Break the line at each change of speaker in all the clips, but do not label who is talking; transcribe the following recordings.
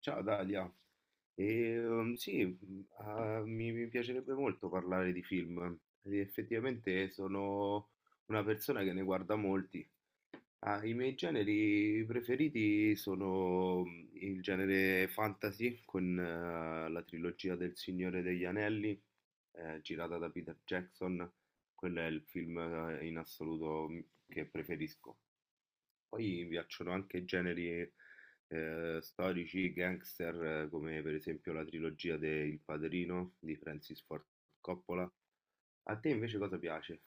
Ciao Dalia. E, um, sì, mh, ah, mi, mi piacerebbe molto parlare di film. E effettivamente sono una persona che ne guarda molti. I miei generi preferiti sono il genere fantasy con la trilogia del Signore degli Anelli, girata da Peter Jackson. Quello è il film in assoluto che preferisco. Poi mi piacciono anche generi storici, gangster, come per esempio la trilogia de Il Padrino di Francis Ford Coppola. A te invece cosa piace?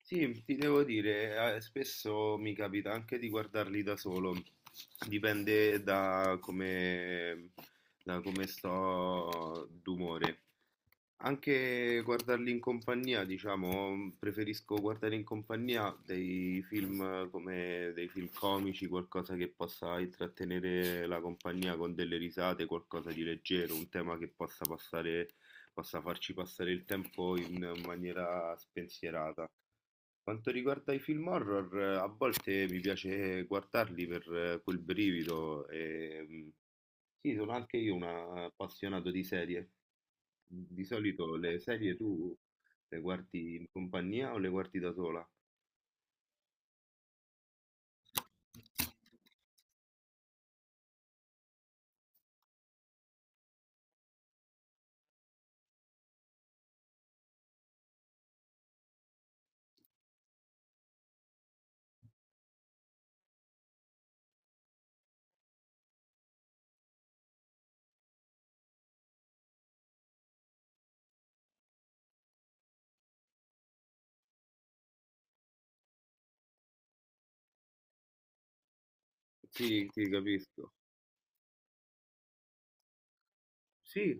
Sì, ti devo dire, spesso mi capita anche di guardarli da solo, dipende da come sto d'umore. Anche guardarli in compagnia, diciamo, preferisco guardare in compagnia dei film come dei film comici, qualcosa che possa intrattenere la compagnia con delle risate, qualcosa di leggero, un tema che possa passare, possa farci passare il tempo in maniera spensierata. Quanto riguarda i film horror, a volte mi piace guardarli per quel brivido e sì, sono anche io un appassionato di serie. Di solito le serie tu le guardi in compagnia o le guardi da sola? Sì, sì, capisco. Sì,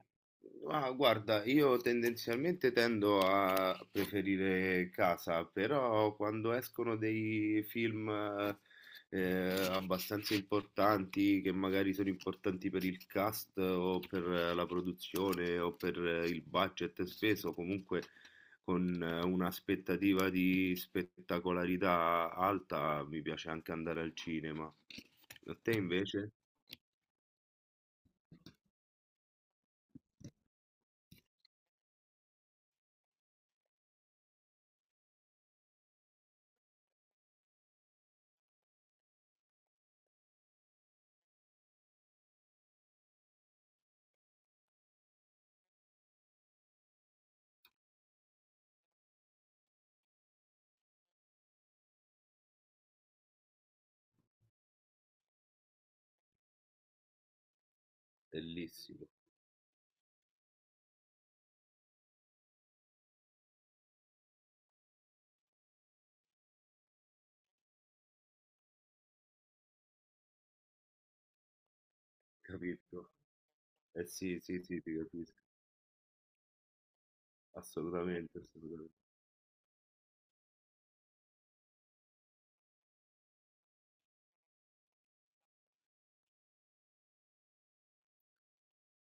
ma guarda, io tendenzialmente tendo a preferire casa, però quando escono dei film eh, abbastanza importanti, che magari sono importanti per il cast o per la produzione o per il budget speso, comunque con un'aspettativa di spettacolarità alta, mi piace anche andare al cinema. A te invece? Bellissimo, capito? Eh sì, sì, sì, ti capisco, assolutamente, assolutamente.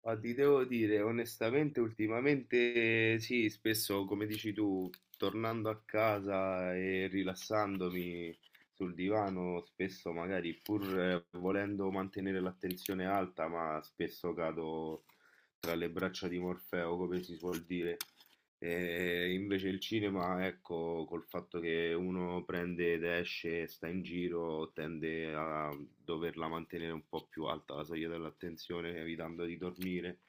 Ma ti devo dire, onestamente, ultimamente sì, spesso, come dici tu, tornando a casa e rilassandomi sul divano, spesso magari pur volendo mantenere l'attenzione alta, ma spesso cado tra le braccia di Morfeo, come si suol dire. E invece il cinema, ecco, col fatto che uno prende ed esce e sta in giro, tende a doverla mantenere un po' più alta la soglia dell'attenzione, evitando di dormire.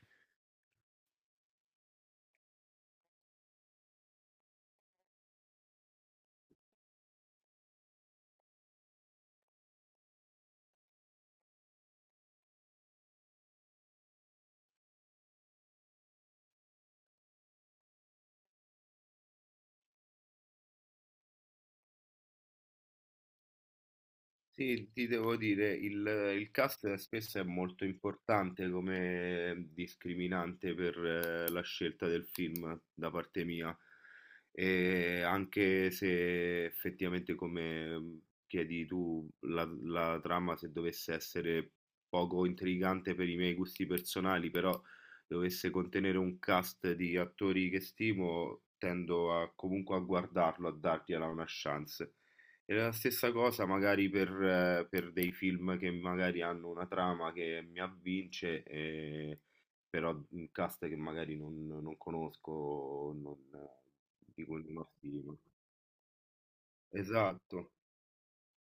Sì, ti devo dire, il cast spesso è molto importante come discriminante per la scelta del film da parte mia, e anche se effettivamente, come chiedi tu, la trama se dovesse essere poco intrigante per i miei gusti personali, però dovesse contenere un cast di attori che stimo, comunque a guardarlo, a dargliela una chance. È la stessa cosa magari per dei film che magari hanno una trama che mi avvince, però un cast che magari non conosco, o non, di cui non ho stima. Esatto,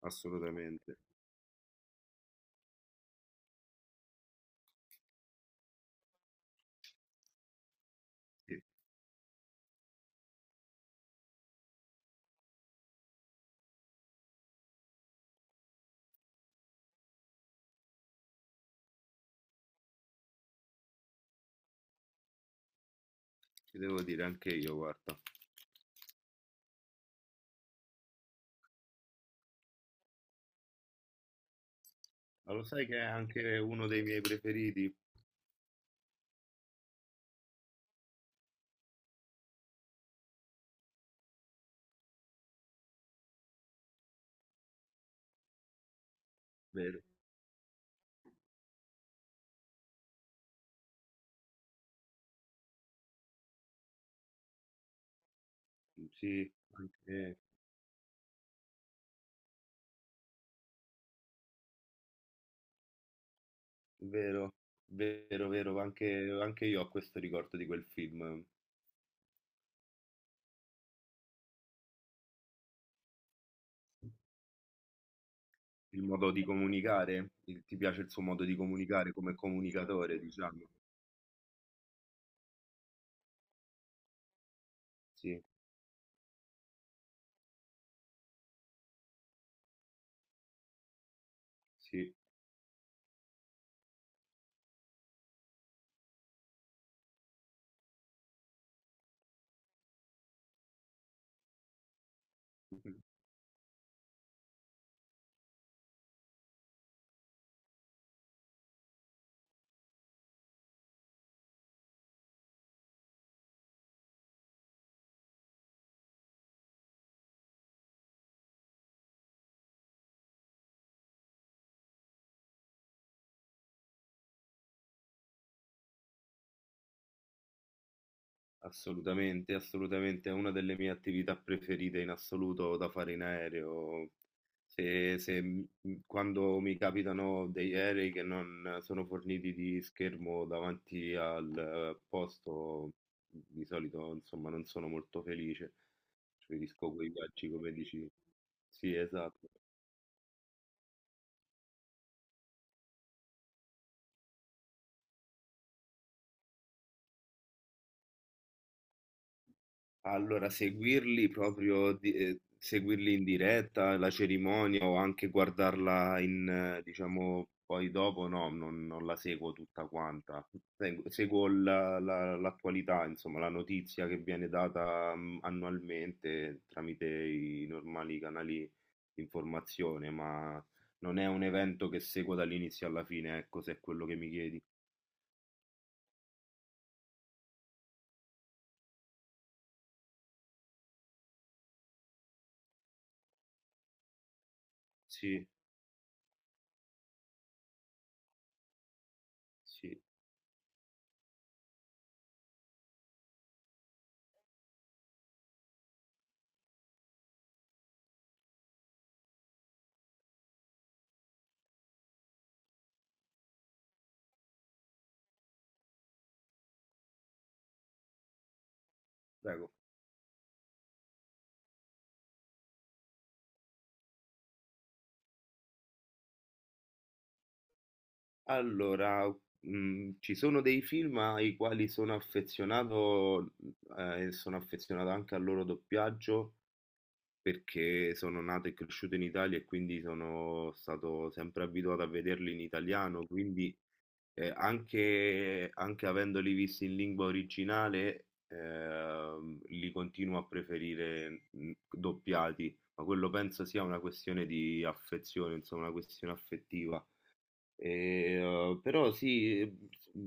assolutamente. Sì, ci devo dire anche io, guarda. Ma lo sai che è anche uno dei miei preferiti? Vero. Sì, anche- Vero, vero, anche, anche io ho questo ricordo di quel film. Il modo di comunicare? Il- ti piace il suo modo di comunicare come comunicatore, diciamo? Sì, sì, assolutamente, assolutamente. È una delle mie attività preferite in assoluto da fare in aereo. Se, se m- Quando mi capitano degli aerei che non sono forniti di schermo davanti al posto, di solito, insomma, non sono molto felice. Preferisco quei viaggi, come dici. Sì, esatto. Allora, seguirli proprio, seguirli in diretta, la cerimonia o anche guardarla, diciamo, poi dopo, no, non la seguo tutta quanta. Seguo l'attualità, insomma, la notizia che viene data annualmente tramite i normali canali di informazione, ma non è un evento che seguo dall'inizio alla fine, ecco, se è quello che mi chiedi. Sì, sì, prego. Allora, ci sono dei film ai quali sono affezionato, e sono affezionato anche al loro doppiaggio, perché sono nato e cresciuto in Italia e quindi sono stato sempre abituato a vederli in italiano, quindi, anche anche avendoli visti in lingua originale, li continuo a preferire, doppiati, ma quello penso sia una questione di affezione, insomma, una questione affettiva. E, Però sì,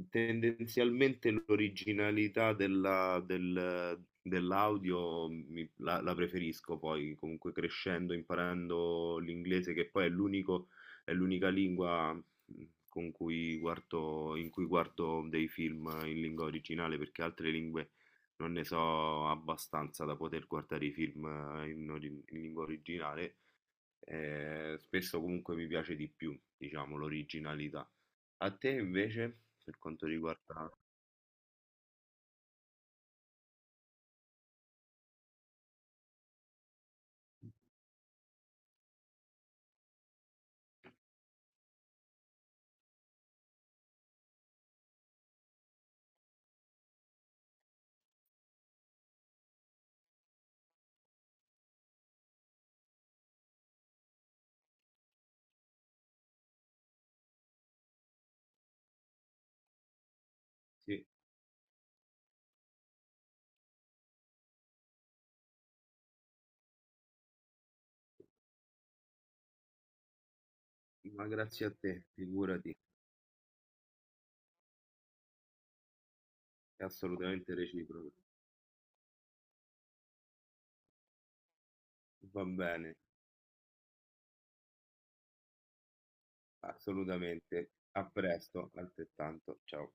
tendenzialmente l'originalità dell'audio la preferisco poi, comunque crescendo, imparando l'inglese, che poi è l'unico, è l'unica lingua con cui guardo, in cui guardo dei film in lingua originale, perché altre lingue non ne so abbastanza da poter guardare i film in lingua originale spesso comunque mi piace di più, diciamo, l'originalità. A te invece, per quanto riguarda... Sì, ma grazie a te, figurati, è assolutamente reciproco. Va bene, assolutamente. A presto, altrettanto. Ciao.